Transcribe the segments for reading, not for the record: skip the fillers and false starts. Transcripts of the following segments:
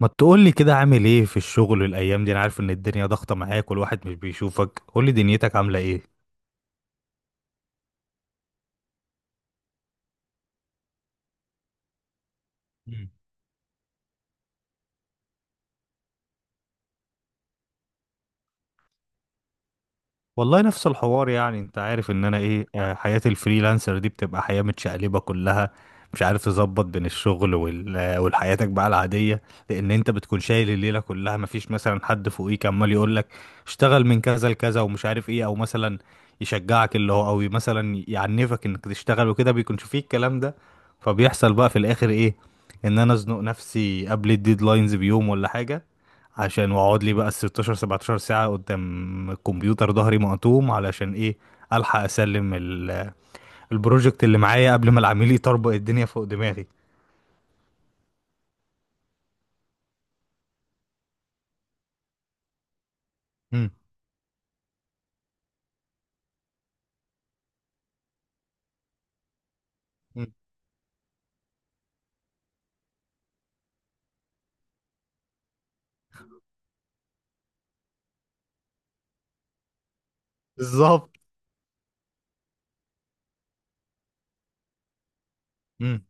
ما تقولي كده، عامل ايه في الشغل الايام دي؟ انا عارف ان الدنيا ضغطة معاك والواحد مش بيشوفك. قولي دنيتك عاملة ايه؟ والله نفس الحوار، يعني انت عارف ان انا ايه، حياة الفريلانسر دي بتبقى حياة متشقلبة كلها. مش عارف تظبط بين الشغل والحياتك بقى العادية. لان انت بتكون شايل الليلة كلها، مفيش مثلا حد فوقيك عمال يقول لك اشتغل من كذا لكذا ومش عارف ايه، او مثلا يشجعك اللي هو، او مثلا يعنفك انك تشتغل وكده. بيكونش فيه الكلام ده. فبيحصل بقى في الاخر ايه؟ ان انا ازنق نفسي قبل الديدلاينز بيوم ولا حاجة، عشان واقعد لي بقى ال 16 17 ساعة قدام الكمبيوتر، ظهري مقطوم. علشان ايه؟ الحق اسلم البروجكت اللي معايا قبل ما العميل يطربق الدنيا فوق دماغي. مم. مم. بالظبط. مم.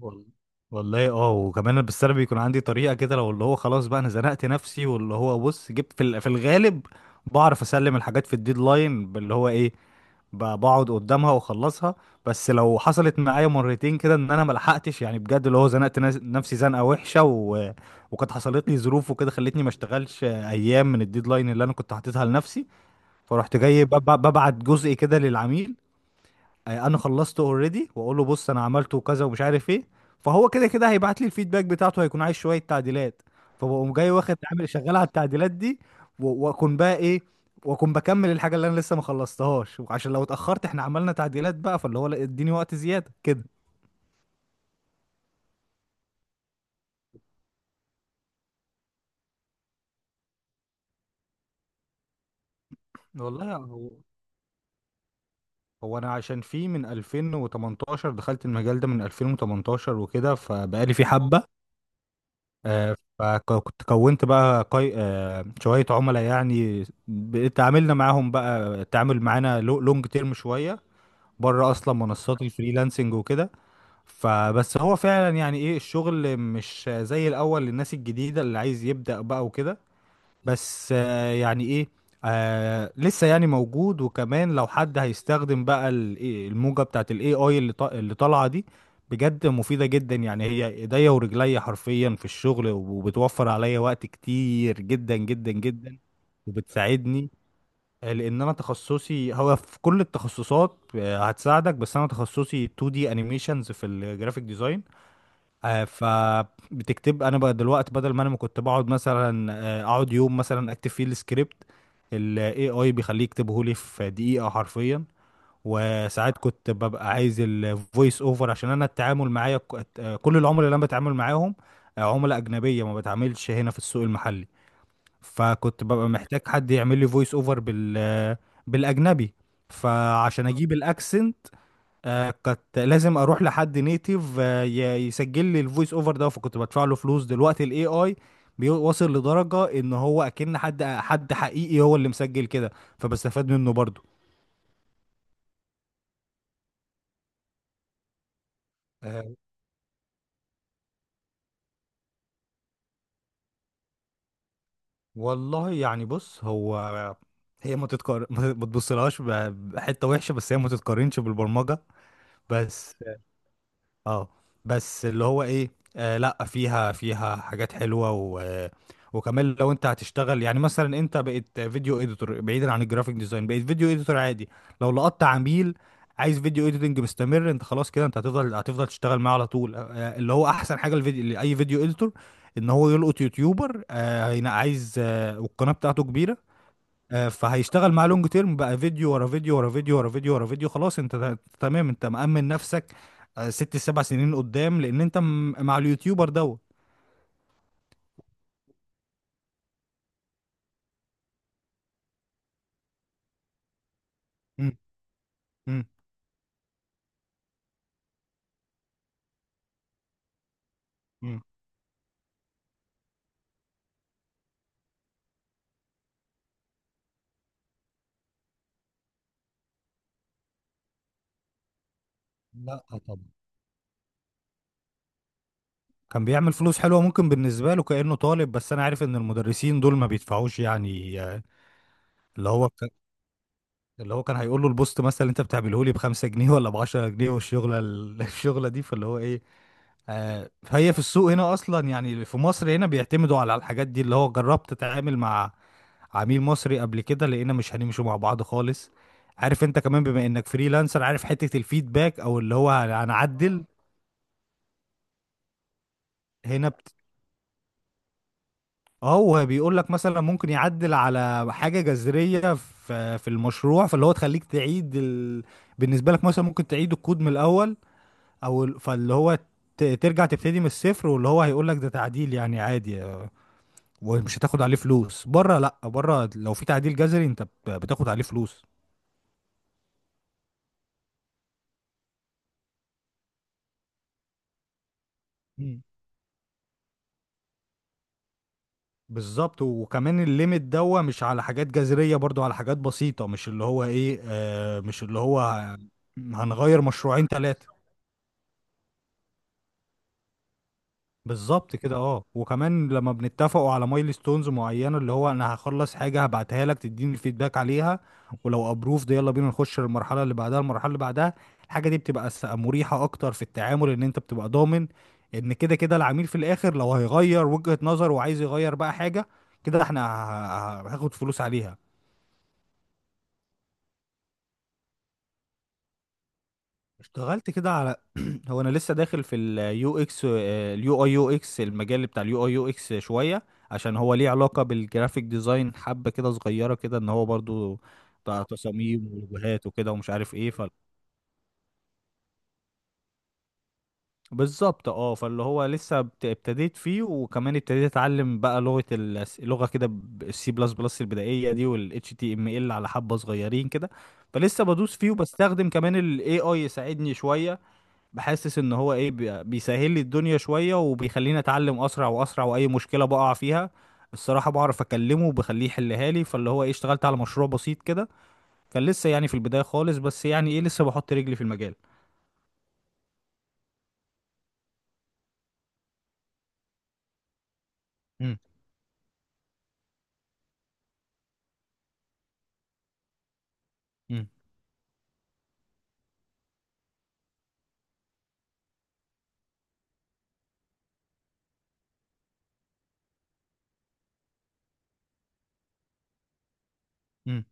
وال- والله اه، وكمان بس انا بيكون عندي طريقة كده. لو اللي هو خلاص بقى انا زنقت نفسي، واللي هو بص، جبت في في الغالب بعرف اسلم الحاجات في الديدلاين، باللي هو ايه، بقعد قدامها واخلصها. بس لو حصلت معايا مرتين كده ان انا ملحقتش، يعني بجد اللي هو زنقت نفسي زنقه وحشه وكانت حصلت لي ظروف وكده خلتني ما اشتغلش ايام من الديدلاين اللي انا كنت حاططها لنفسي. فرحت جاي ببعت جزء كده للعميل، انا خلصته اوريدي، واقول له بص انا عملته كذا ومش عارف ايه. فهو كده كده هيبعت لي الفيدباك بتاعته، هيكون عايز شويه تعديلات. فبقوم جاي واخد عامل شغال على التعديلات دي. واكون بقى ايه، واكون بكمل الحاجه اللي انا لسه ما خلصتهاش. وعشان لو اتاخرت، احنا عملنا تعديلات بقى، فاللي هو لا، اديني وقت زياده كده. والله هو، هو انا عشان فيه من 2018 دخلت المجال ده، من 2018 وكده، فبقالي فيه حبه. فكنت كونت بقى قي... آه، شوية عملاء، يعني تعاملنا معاهم بقى. التعامل معانا لونج تيرم شوية، بره أصلا منصات الفريلانسنج وكده. فبس هو فعلا يعني إيه، الشغل مش زي الأول للناس الجديدة اللي عايز يبدأ بقى وكده. بس يعني ايه، آه لسه يعني موجود. وكمان لو حد هيستخدم بقى ال- إيه، الموجة بتاعت الاي اي اللي طالعة دي، بجد مفيدة جدا. يعني هي ايديا ورجليا حرفيا في الشغل، وبتوفر عليا وقت كتير جدا جدا جدا، وبتساعدني. لان انا تخصصي هو في كل التخصصات هتساعدك، بس انا تخصصي 2D انيميشنز في الجرافيك ديزاين. فبتكتب، انا بقى دلوقتي بدل ما انا ما كنت بقعد مثلا، اقعد يوم مثلا اكتب فيه السكريبت، الاي اي بيخليه يكتبه لي في دقيقة حرفيا. وساعات كنت ببقى عايز الفويس اوفر، عشان انا التعامل معايا كل العملاء اللي انا بتعامل معاهم، عملاء اجنبية، ما بتعاملش هنا في السوق المحلي. فكنت ببقى محتاج حد يعمل لي فويس اوفر بالاجنبي، فعشان اجيب الاكسنت. آه كنت لازم اروح لحد نيتيف آه يسجل لي الفويس اوفر ده، فكنت بدفع له فلوس. دلوقتي الاي اي بيوصل لدرجة ان هو اكن حد حقيقي هو اللي مسجل كده، فبستفاد منه برضو. آه والله يعني بص، هو هي ما تبصلهاش بحتة وحشة، بس هي ما تتقارنش بالبرمجة. بس اه. بس اللي هو ايه، آه لا، فيها، فيها حاجات حلوه. و وكمان لو انت هتشتغل، يعني مثلا انت بقيت فيديو اديتور بعيدا عن الجرافيك ديزاين، بقيت فيديو اديتور عادي، لو لقطت عميل عايز فيديو اديتنج مستمر، انت خلاص كده. انت هتفضل تشتغل معاه على طول. اللي هو احسن حاجه الفيديو لاي فيديو اديتور، ان هو يلقط يوتيوبر عايز، آه، والقناه بتاعته كبيره. فهيشتغل مع لونج تيرم بقى، فيديو ورا فيديو ورا فيديو ورا فيديو ورا فيديو، خلاص انت تمام، انت مأمن نفسك ست سبع سنين قدام، لان انت مع اليوتيوبر دوت. مم. مم. مم. لا طبعا. كان بيعمل فلوس حلوة، ممكن بالنسبة له كأنه طالب، بس أنا عارف إن المدرسين دول ما بيدفعوش، يعني اللي هو ك- اللي هو كان هيقول له البوست مثلا اللي أنت بتعمله لي بخمسة جنيه ولا بعشرة جنيه، والشغلة الشغلة دي. فاللي هو إيه، فهي في السوق هنا اصلا، يعني في مصر هنا بيعتمدوا على الحاجات دي. اللي هو جربت تتعامل مع عميل مصري قبل كده، لقينا مش هنمشوا مع بعض خالص. عارف انت كمان، بما انك فريلانسر، عارف حتة الفيدباك او اللي هو هنعدل هنا اه، هو بيقول لك مثلا ممكن يعدل على حاجة جذرية في المشروع، فاللي هو تخليك تعيد بالنسبة لك مثلا ممكن تعيد الكود من الاول، او فاللي هو ترجع تبتدي من الصفر. واللي هو هيقول لك ده تعديل، يعني عادي ومش هتاخد عليه فلوس. بره لا، بره لو في تعديل جذري انت بتاخد عليه فلوس. مم. بالظبط. وكمان الليميت دوا مش على حاجات جذرية برضو، على حاجات بسيطة. مش اللي هو ايه، آه مش اللي هو هنغير مشروعين ثلاثة. بالظبط كده اه. وكمان لما بنتفقوا على مايلستونز معينه، اللي هو انا هخلص حاجه هبعتها لك، تديني الفيدباك عليها، ولو ابروفد يلا بينا نخش للمرحله اللي بعدها، المرحله اللي بعدها. الحاجه دي بتبقى مريحه اكتر في التعامل، ان انت بتبقى ضامن ان كده كده العميل في الاخر لو هيغير وجهه نظر وعايز يغير بقى حاجه، كده احنا هاخد فلوس عليها. اشتغلت كده على هو انا لسه داخل في اليو اكس، اليو اي يو اكس، المجال بتاع اليو اي يو اكس شويه، عشان هو ليه علاقه بالجرافيك ديزاين حبه كده صغيره كده، ان هو برضو بتاع تصاميم ولوجوهات وكده ومش عارف ايه. ف بالظبط اه. فاللي هو لسه ابتديت فيه، وكمان ابتديت اتعلم بقى لغه كده، السي بلس بلس البدائيه دي، والاتش تي ام ال على حبه صغيرين كده. فلسه بدوس فيه. وبستخدم كمان الاي اي يساعدني شويه. بحسس ان هو ايه، بيسهل لي الدنيا شوية، وبيخليني اتعلم اسرع واسرع، واي مشكلة بقع فيها الصراحة بعرف اكلمه وبخليه يحلها لي. فاللي هو ايه، اشتغلت على مشروع بسيط كده، كان لسه يعني في البداية خالص، بس يعني ايه لسه بحط رجلي في المجال. مم، مم، مم،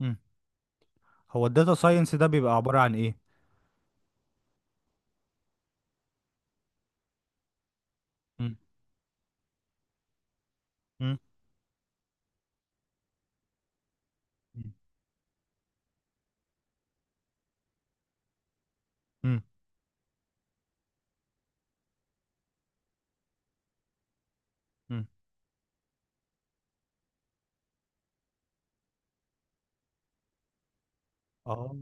مم، هو الداتا ساينس ده بيبقى عبارة عن ايه؟ مم، مم، مم، مم، اه.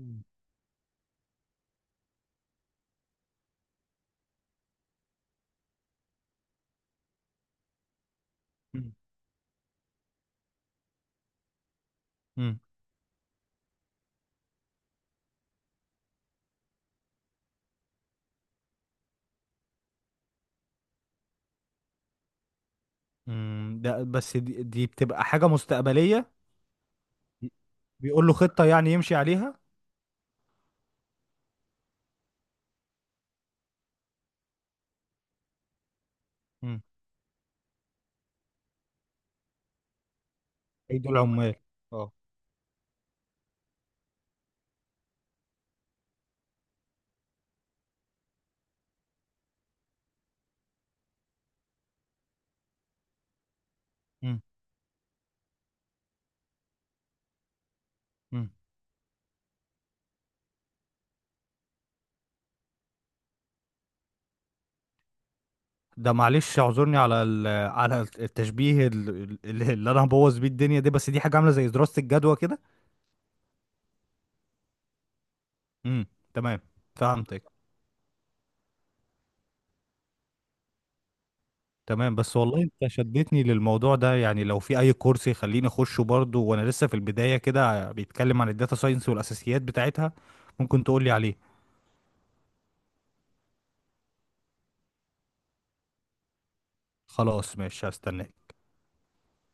مم، مم، امم. ده بس دي, دي بتبقى حاجة مستقبلية. بيقول له خطة يعني يمشي عليها. مم، ايدي العمال. اه. مم، ده معلش اعذرني على على التشبيه اللي انا هبوظ بيه الدنيا دي، بس دي حاجه عامله زي دراسه الجدوى كده. امم. تمام. فهمتك. تمام. بس والله انت شدتني للموضوع ده، يعني لو في اي كورس يخليني اخشه برضه وانا لسه في البدايه كده، بيتكلم عن الداتا ساينس والاساسيات بتاعتها، ممكن تقولي عليه. خلاص ماشي، هستناك.